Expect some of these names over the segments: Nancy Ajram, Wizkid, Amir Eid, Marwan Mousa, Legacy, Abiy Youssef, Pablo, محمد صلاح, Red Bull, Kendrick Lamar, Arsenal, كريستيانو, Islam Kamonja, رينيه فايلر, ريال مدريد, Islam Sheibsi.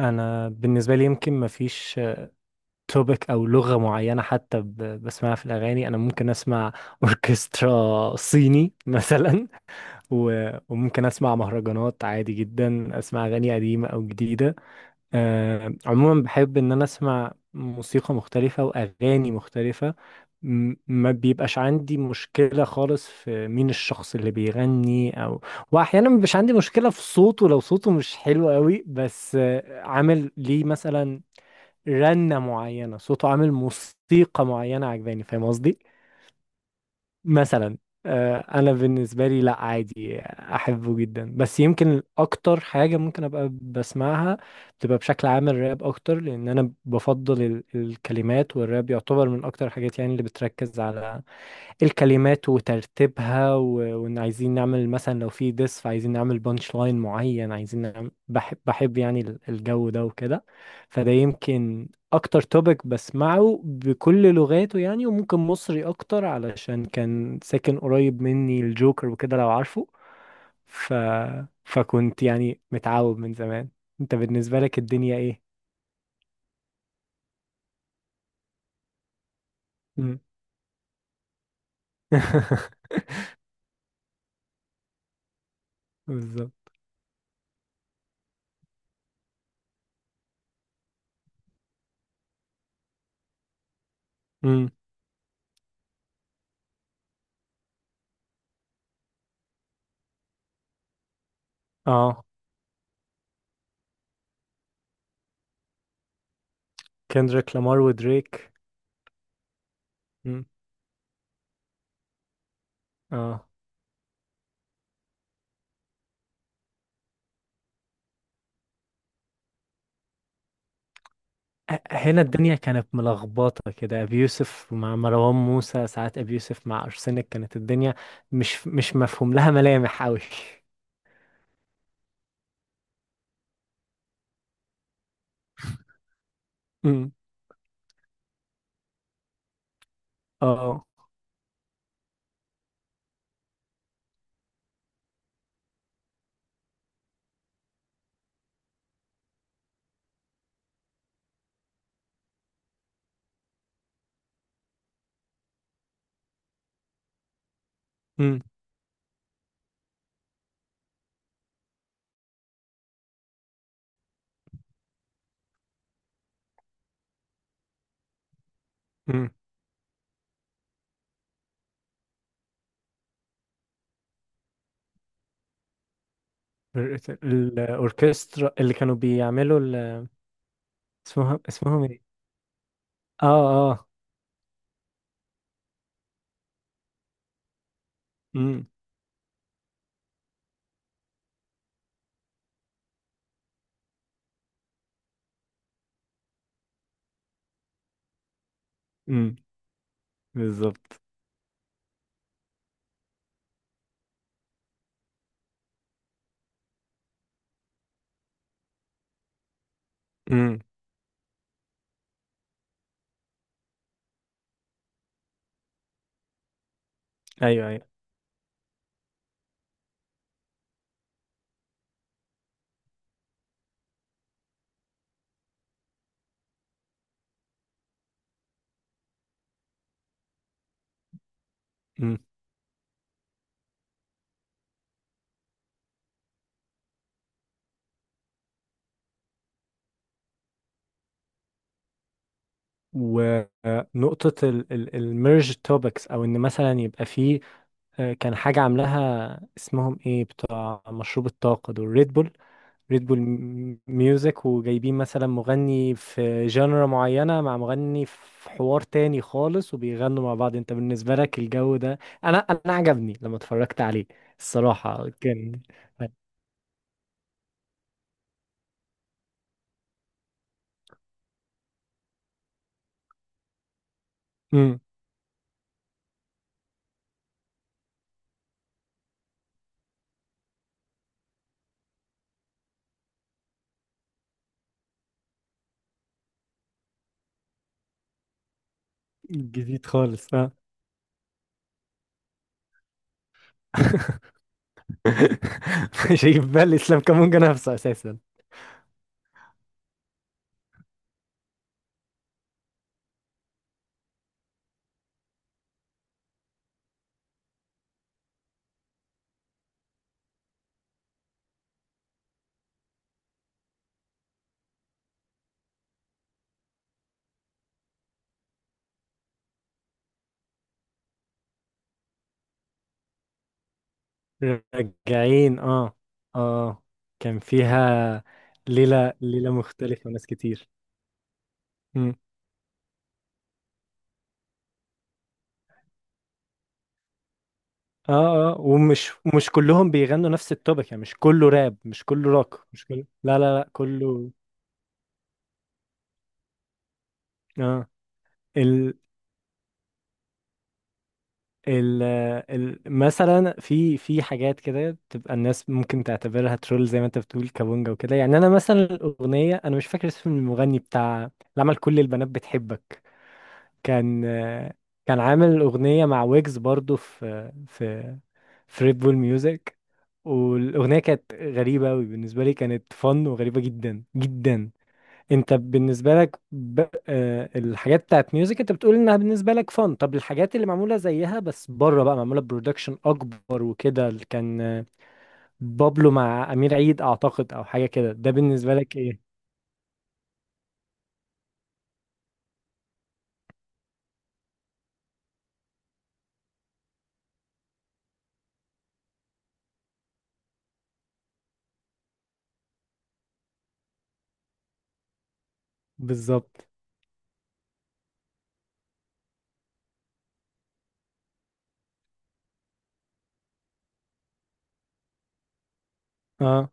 انا بالنسبه لي يمكن ما فيش توبيك او لغه معينه حتى بسمعها في الاغاني. انا ممكن اسمع اوركسترا صيني مثلا، وممكن اسمع مهرجانات، عادي جدا اسمع اغاني قديمه او جديده. عموما بحب ان انا اسمع موسيقى مختلفة واغاني مختلفة. ما بيبقاش عندي مشكلة خالص في مين الشخص اللي بيغني، او واحيانا ما بيبقاش عندي مشكلة في صوته لو صوته مش حلو قوي، بس عامل ليه مثلا رنة معينة، صوته عامل موسيقى معينة عجباني، فاهم قصدي. مثلا. انا بالنسبه لي لا، عادي احبه جدا، بس يمكن اكتر حاجه ممكن ابقى بسمعها بتبقى بشكل عام الراب اكتر، لان انا بفضل الكلمات، والراب يعتبر من اكتر الحاجات يعني اللي بتركز على الكلمات وترتيبها، وان عايزين نعمل مثلا لو في ديس فعايزين نعمل بانش لاين معين، عايزين نعمل، بحب بحب يعني الجو ده وكده. فده يمكن اكتر توبيك بسمعه بكل لغاته يعني، وممكن مصري اكتر علشان كان ساكن قريب مني الجوكر وكده لو عارفه. ف... فكنت يعني متعود من زمان. انت بالنسبة لك الدنيا ايه؟ مم. بالظبط. مم. اه. كندريك لامار ودريك. مم. اه. هنا الدنيا كانت ملخبطة كده، أبي يوسف مع مروان موسى، ساعات أبي يوسف مع أرسنال، كانت الدنيا مش مفهوم لها ملامح أوي. أمم، اه، أمم، أمم. الأوركسترا اللي كانوا بيعملوا اسمهم ايه؟ اه، اه، أمم، أمم، بالظبط، أمم، ايوه ايوه، أمم. ونقطة الميرج توبكس، أو إن مثلا يبقى فيه كان حاجة عاملاها اسمهم ايه بتاع مشروب الطاقة دول، ريد بول. ريد بول ميوزك، وجايبين مثلا مغني في جانرا معينة مع مغني في حوار تاني خالص وبيغنوا مع بعض. انت بالنسبة لك الجو ده؟ انا عجبني لما اتفرجت عليه، الصراحة كان. امم. جديد خالص، اه. مش هيجيب بال اسلام كامونجا نفسه اساسا. راجعين، اه، اه. كان فيها ليلة، ليلة مختلفة وناس كتير. اه، اه، ومش مش كلهم بيغنوا نفس التوبك يعني، مش كله راب، مش كله روك، مش كله، لا لا لا، كله. اه. ال ال مثلا في حاجات كده تبقى الناس ممكن تعتبرها ترول زي ما انت بتقول كابونجا وكده، يعني انا مثلا الاغنيه انا مش فاكر اسم المغني بتاع اللي عمل كل البنات بتحبك، كان كان عامل اغنيه مع ويجز برضو في في ريد بول ميوزك، والاغنيه كانت غريبه قوي بالنسبه لي، كانت فن وغريبه جدا جدا. انت بالنسبه لك الحاجات بتاعت ميوزك انت بتقول انها بالنسبه لك فن، طب الحاجات اللي معموله زيها بس بره بقى، معموله برودكشن اكبر وكده، اللي كان بابلو مع امير عيد اعتقد، او حاجه كده، ده بالنسبه لك ايه؟ بالظبط. اه.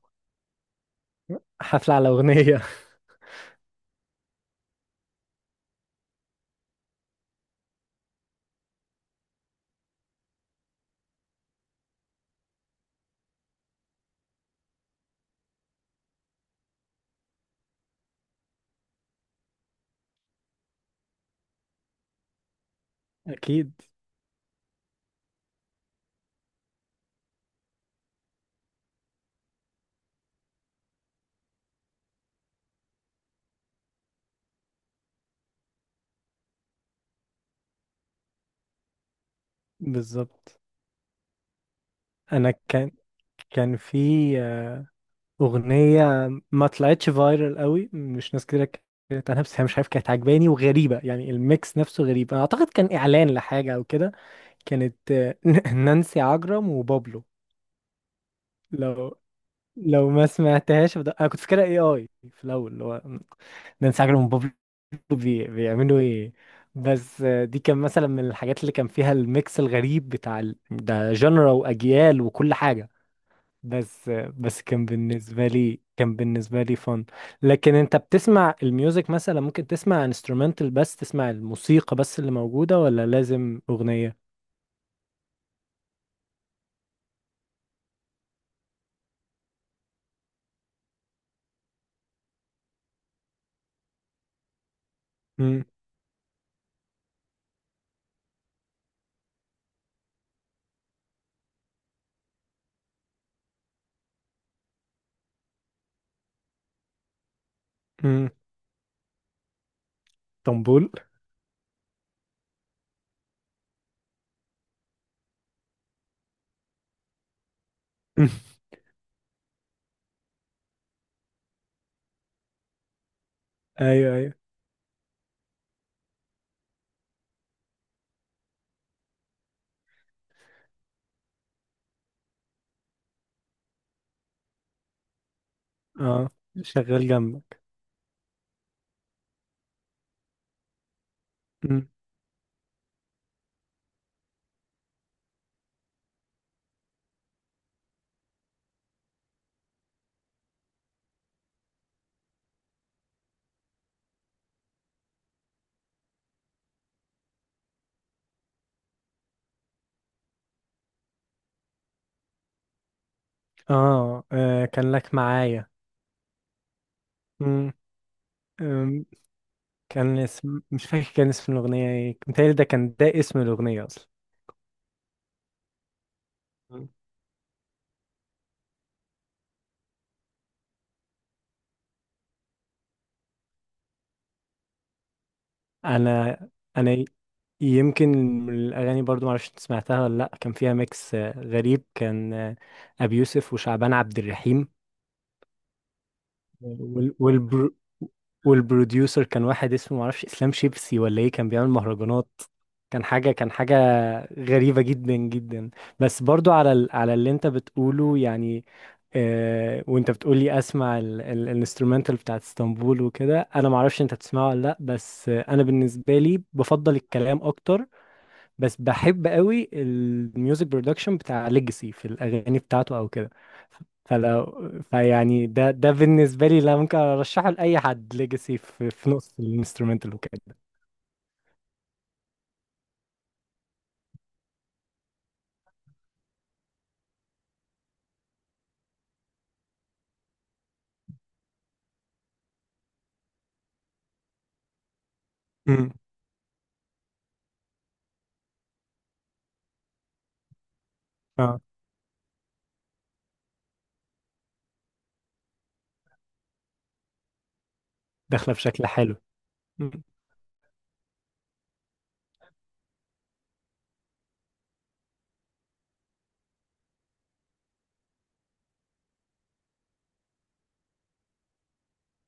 حفله على اغنيه. اكيد. بالظبط. انا كان في أغنية ما طلعتش فايرال قوي، مش ناس كتير اتكلمت عنها، بس هي مش عارف كانت عجباني وغريبة، يعني الميكس نفسه غريب، أنا أعتقد كان إعلان لحاجة أو كده. كانت نانسي عجرم وبابلو. لو لو ما سمعتهاش، أنا كنت فاكرها اي في الأول اللي هو نانسي عجرم وبابلو بيعملوا ايه. بس دي كان مثلا من الحاجات اللي كان فيها الميكس الغريب بتاع ده جنرا وأجيال وكل حاجة. بس بس كان بالنسبة لي فن. لكن انت بتسمع الميوزك، مثلا ممكن تسمع انسترومنتال بس، تسمع الموسيقى بس اللي موجودة، ولا لازم أغنية؟ امم. امم. طنبول. ايوه ايوه. اه. شغال جنبك. امم. آه. اه، كان لك معايا. امم. أم، كان اسم، مش فاكر كان اسم الأغنية ايه، متهيألي ده كان، ده اسم الأغنية أصلا. انا انا يمكن من الاغاني برضو معرفش انت سمعتها ولا لا، كان فيها ميكس غريب، كان ابي يوسف وشعبان عبد الرحيم، وال والبر... والبروديوسر كان واحد اسمه معرفش اسلام شيبسي ولا ايه، كان بيعمل مهرجانات. كان حاجة، كان حاجة غريبة جدا جدا. بس برضو على على اللي انت بتقوله يعني، وانت بتقولي اسمع الانسترومنتال بتاعت اسطنبول وكده، انا معرفش انت بتسمعه ولا لا، بس انا بالنسبة لي بفضل الكلام اكتر، بس بحب قوي الميوزك برودكشن بتاع ليجاسي في الاغاني بتاعته او كده. فلو فيعني ده بالنسبه لي لا، ممكن ارشحه لاي حد، ليجاسي في نص الانسترومنتال وكده. امم. اه. داخله بشكل حلو.